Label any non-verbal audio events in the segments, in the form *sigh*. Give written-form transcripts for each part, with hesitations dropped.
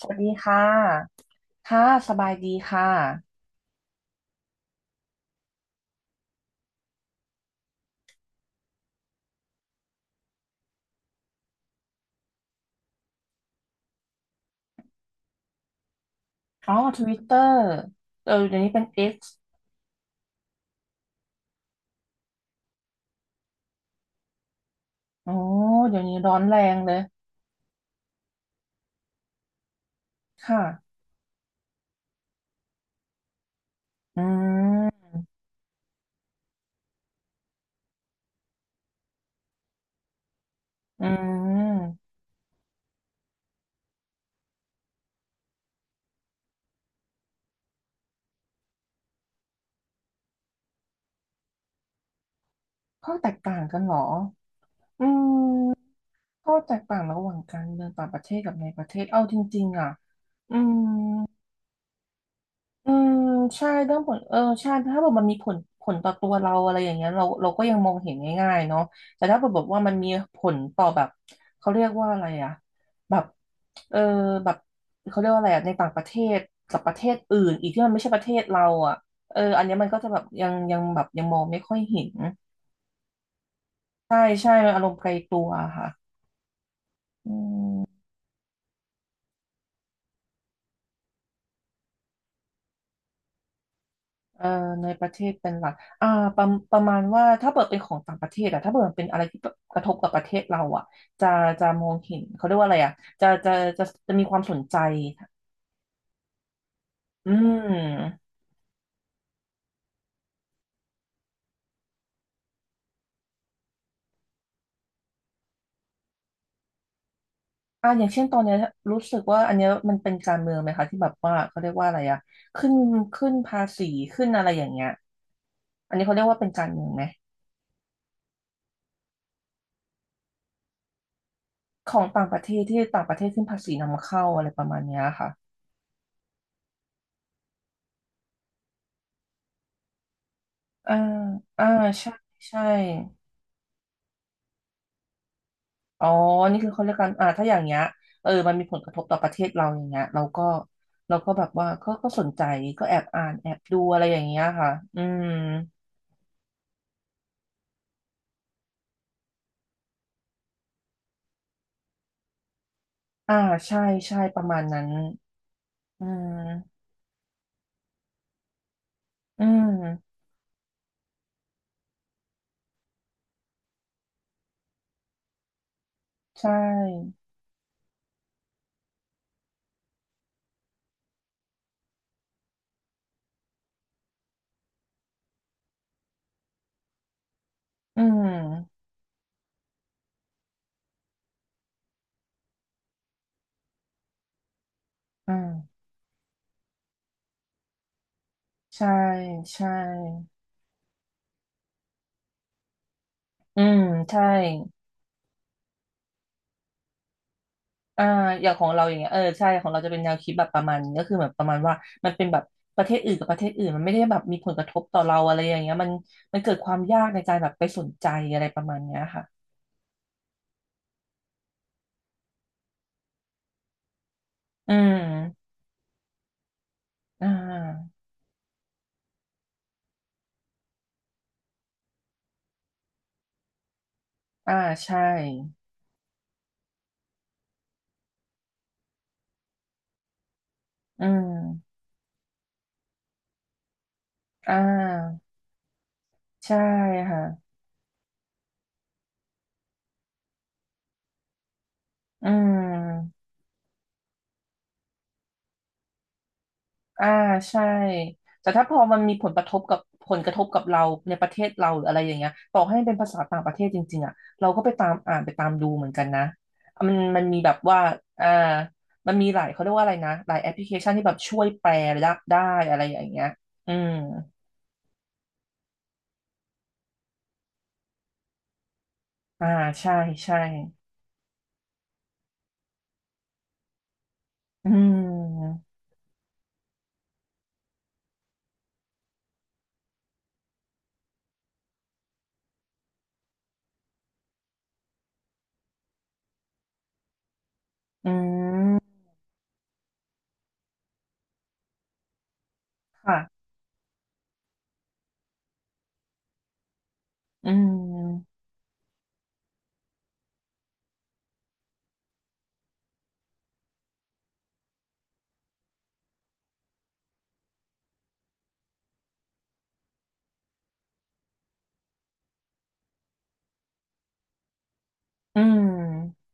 สวัสดีค่ะค่ะ สบายดีค่ะ อ๋อทวิตเตอร์เออเดี๋ยวนี้เป็น X อ๋อเดี๋ยวนี้ร้อนแรงเลย ค่ะอืมอืมข้อแตกต่างกันเหรอ อืมข้อแตกต่างระหว่างการเมืองต่างประเทศกับในประเทศ เอาจริงๆอ่ะอืม อืมใช่เรื่องผลเออใช่ถ้าแบบมันมีผลต่อตัวเราอะไรอย่างเงี้ยเราก็ยังมองเห็นง่ายๆเนาะแต่ถ้าแบบบอกว่ามันมีผลต่อแบบเขาเรียกว่าอะไรอะแบบเออแบบเขาเรียกว่าอะไรอะในต่างประเทศกับประเทศอื่นอีกที่มันไม่ใช่ประเทศเราอะเอออันเนี้ยมันก็จะแบบยังแบบยังมองไม่ค่อยเห็นใช่ใช่อารมณ์ไกลตัวค่ะอืม เอ่อในประเทศเป็นหลักอ่าประประมาณว่าถ้าเปิดเป็นของต่างประเทศอะถ้าเปิดมันเป็นอะไรที่กระทบกับประเทศเราอะจะจะมองเห็นเขาเรียกว่าอะไรอะจะจะจะมีความสนใจอืมอ่าอย่างเช่นตอนเนี้ยรู้สึกว่าอันเนี้ยมันเป็นการเมืองไหมคะที่แบบว่าเขาเรียกว่าอะไรอะขึ้นขึ้นภาษีขึ้นอะไรอย่างเงี้ยอันนี้เขาเรียกว่าเป็นการเมืองไหมของต่างประเทศที่ต่างประเทศขึ้นภาษีนำเข้าอะไรประมาณเนี้ยค่ะอ่าอ่าใช่ใช่ อ๋อ นี่คือเขาเรียกกันอ่าถ้าอย่างเงี้ยเออมันมีผลกระทบต่อประเทศเราอย่างเงี้ยเราก็เราก็แบบว่าก็สนใจก็แอบอ่านแอบดูอะไรอย่างเงี้ยค่ะอืมอ่าใช่ ใช่ ประมาณนั้นอืมอืมใช่อืมอืมใช่ใช่อืมใช่ อ่าอย่างของเราอย่างเงี้ยเออใช่ของเราจะเป็นแนวคิดแบบประมาณนี้ก็คือแบบประมาณว่ามันเป็นแบบประเทศอื่นกับประเทศอื่นมันไม่ได้แบบมีผลกระทบต่อเราอะไรอย่างเงี้ยมันเกิดความยากในการแบบไปสนใจอะไรประมาณเนี้ยค่ะอืมอ่าอ่าใช่อืมอ่าใช่ค่ะอืม อ่าใช่แต่ถ้าพอมันมีผลกระทบกับเราในประเทศเราหรืออะไรอย่างเงี้ยต่อให้มันเป็นภาษาต่างประเทศจริงๆอ่ะเราก็ไปตามอ่านไปตามดูเหมือนกันนะมันมีแบบว่าอ่ามันมีหลายเขาเรียกว่าอะไรนะหลายแอปพลิเคชันที่แบบช่วยแปลได้อะไรอย่างเงี้ยอืมอ่าใช่ใช่อืมอืมค่ะอืมอืม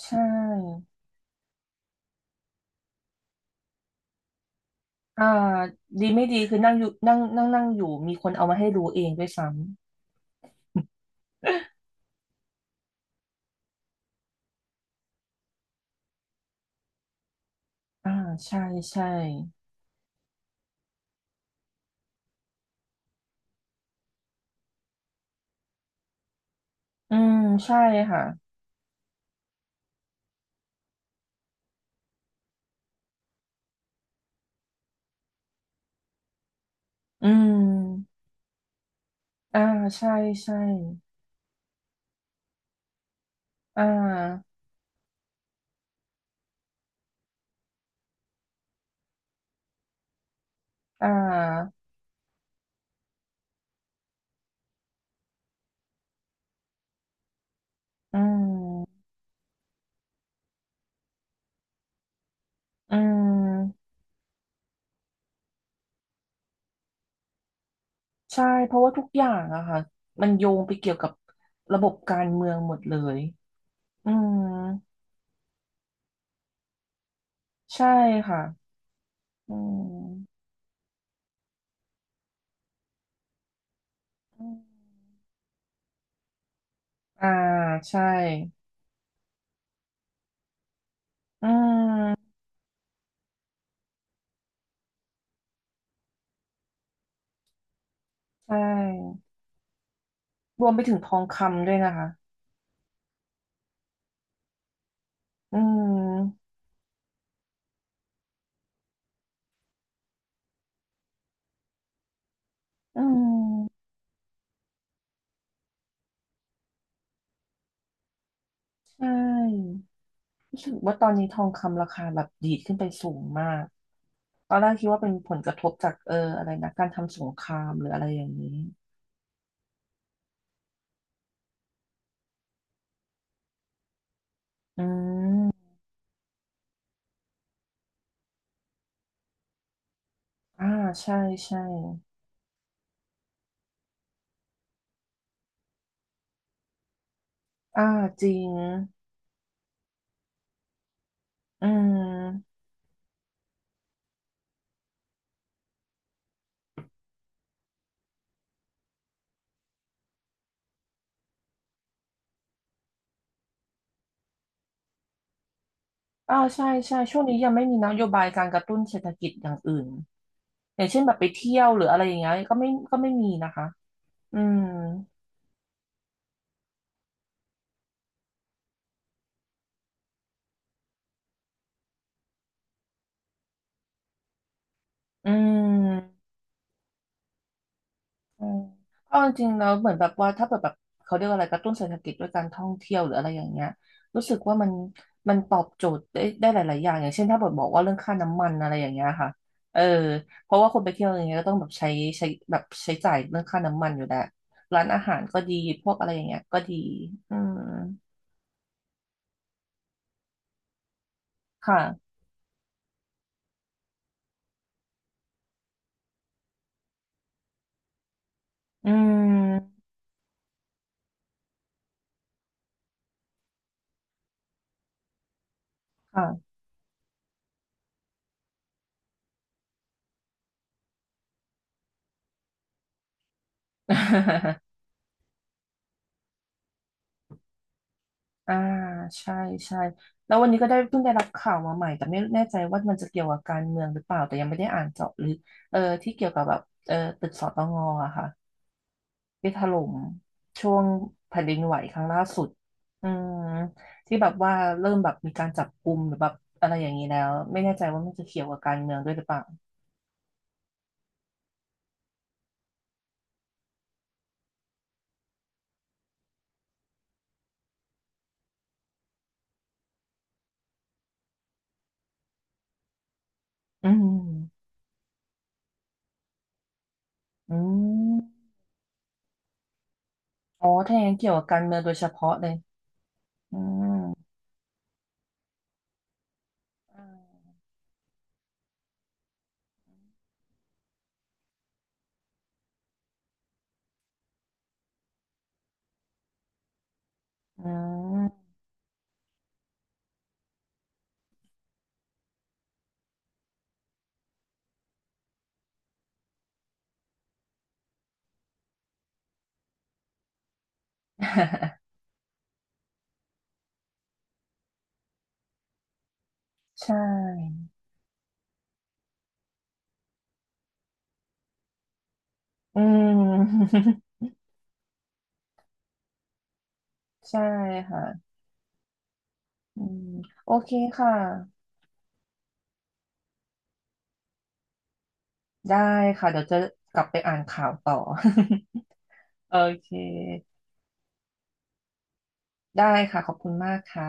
ใช่อ่าดีไม่ดีคือนั่งอยู่นั่งนั่งนั่งอยู่มีคนเอามาให้รู้เองด้วยซ้ อ่าใช่ใช่อืมใช่ค่ะ อืมอ่าใช่ใช่อ่าอ่าอืมอืมใช่เพราะว่าทุกอย่างอะค่ะมันโยงไปเกี่ยวกับระบบการเมืองหมดเลยอืมใช่ค่ะ อืมอืมอ่าใช่อืมใช่รวมไปถึงทองคำด้วยนะคะ อืมอืมใช่ รู้สึกว่าตอนนี้ทองคำราคาแบบดีดขึ้นไปสูงมากตอนแรกคิดว่าเป็นผลกระทบจากอะไรนะการทำสงครามหรืออะไรอย่างนี้อืมอ่าใช่ใช่อ่าจริงอืมอ่าใช่ใช่ช่วงนี้ยังไม่มีนโยบายการกระตุ้นเศรษฐกิจอย่างอื่นอย่างเช่นแบบไปเที่ยวหรืออะไรอย่างเงี้ยก็ไม่มีนะคะอืมอืม อืมเอาจริงๆแล้วเหมือนแบบว่าถ้าเปิดแบบเขาเรียกว่าอะไรกระตุ้นเศรษฐกิจด้วยการท่องเที่ยวหรืออะไรอย่างเงี้ยรู้สึกว่ามันตอบโจทย์ได้หลายๆอย่างอย่างเช่นถ้าเปิดบอกว่าเรื่องค่าน้ำมันอะไรอย่างเงี้ยค่ะเออเพราะว่าคนไปเที่ยวอย่างเงี้ยก็ต้องแบบใช้แบบใช้จ่ายเรื่องค่าน้ำมันอยู่แล้วร้านอาหารก็ดีพวกอะไรอย่างเงี้ยก็ดีอืมค่ะอืมค่ะ อ่าใช่ใช่แล้ววันนี้ก็ได้เพิ่งได้รับข่าวมาใหม่แต่ไม่แน่ใจว่ามันจะเกี่ยวกับการเมืองหรือเปล่าแต่ยังไม่ได้อ่านเจาะลึกเออที่เกี่ยวกับแบบเออตึกสตงอะค่ะที่ถล่มช่วงแผ่นดินไหวครั้งล่าสุดอืมที่แบบว่าเริ่มแบบมีการจับกุมหรือแบบอะไรอย่างนี้แล้วไม่แน่ใจว่ามันจะเกี่ยวกับการเมืองด้วยหรือเปล่าอืมอืมอ๋อถ้าอย่างนั้นเกี่ยวกับการเมืองโดยเฉพาะเลยอืมอืม *laughs* ใช่อืม *laughs* ใช่ค่ะอืมโอเคค่ะ ได้ค่ะ เดี๋ยวจะกลับไปอ่านข่าวต่อ *laughs* โอเค ได้ค่ะ ขอบคุณมากค่ะ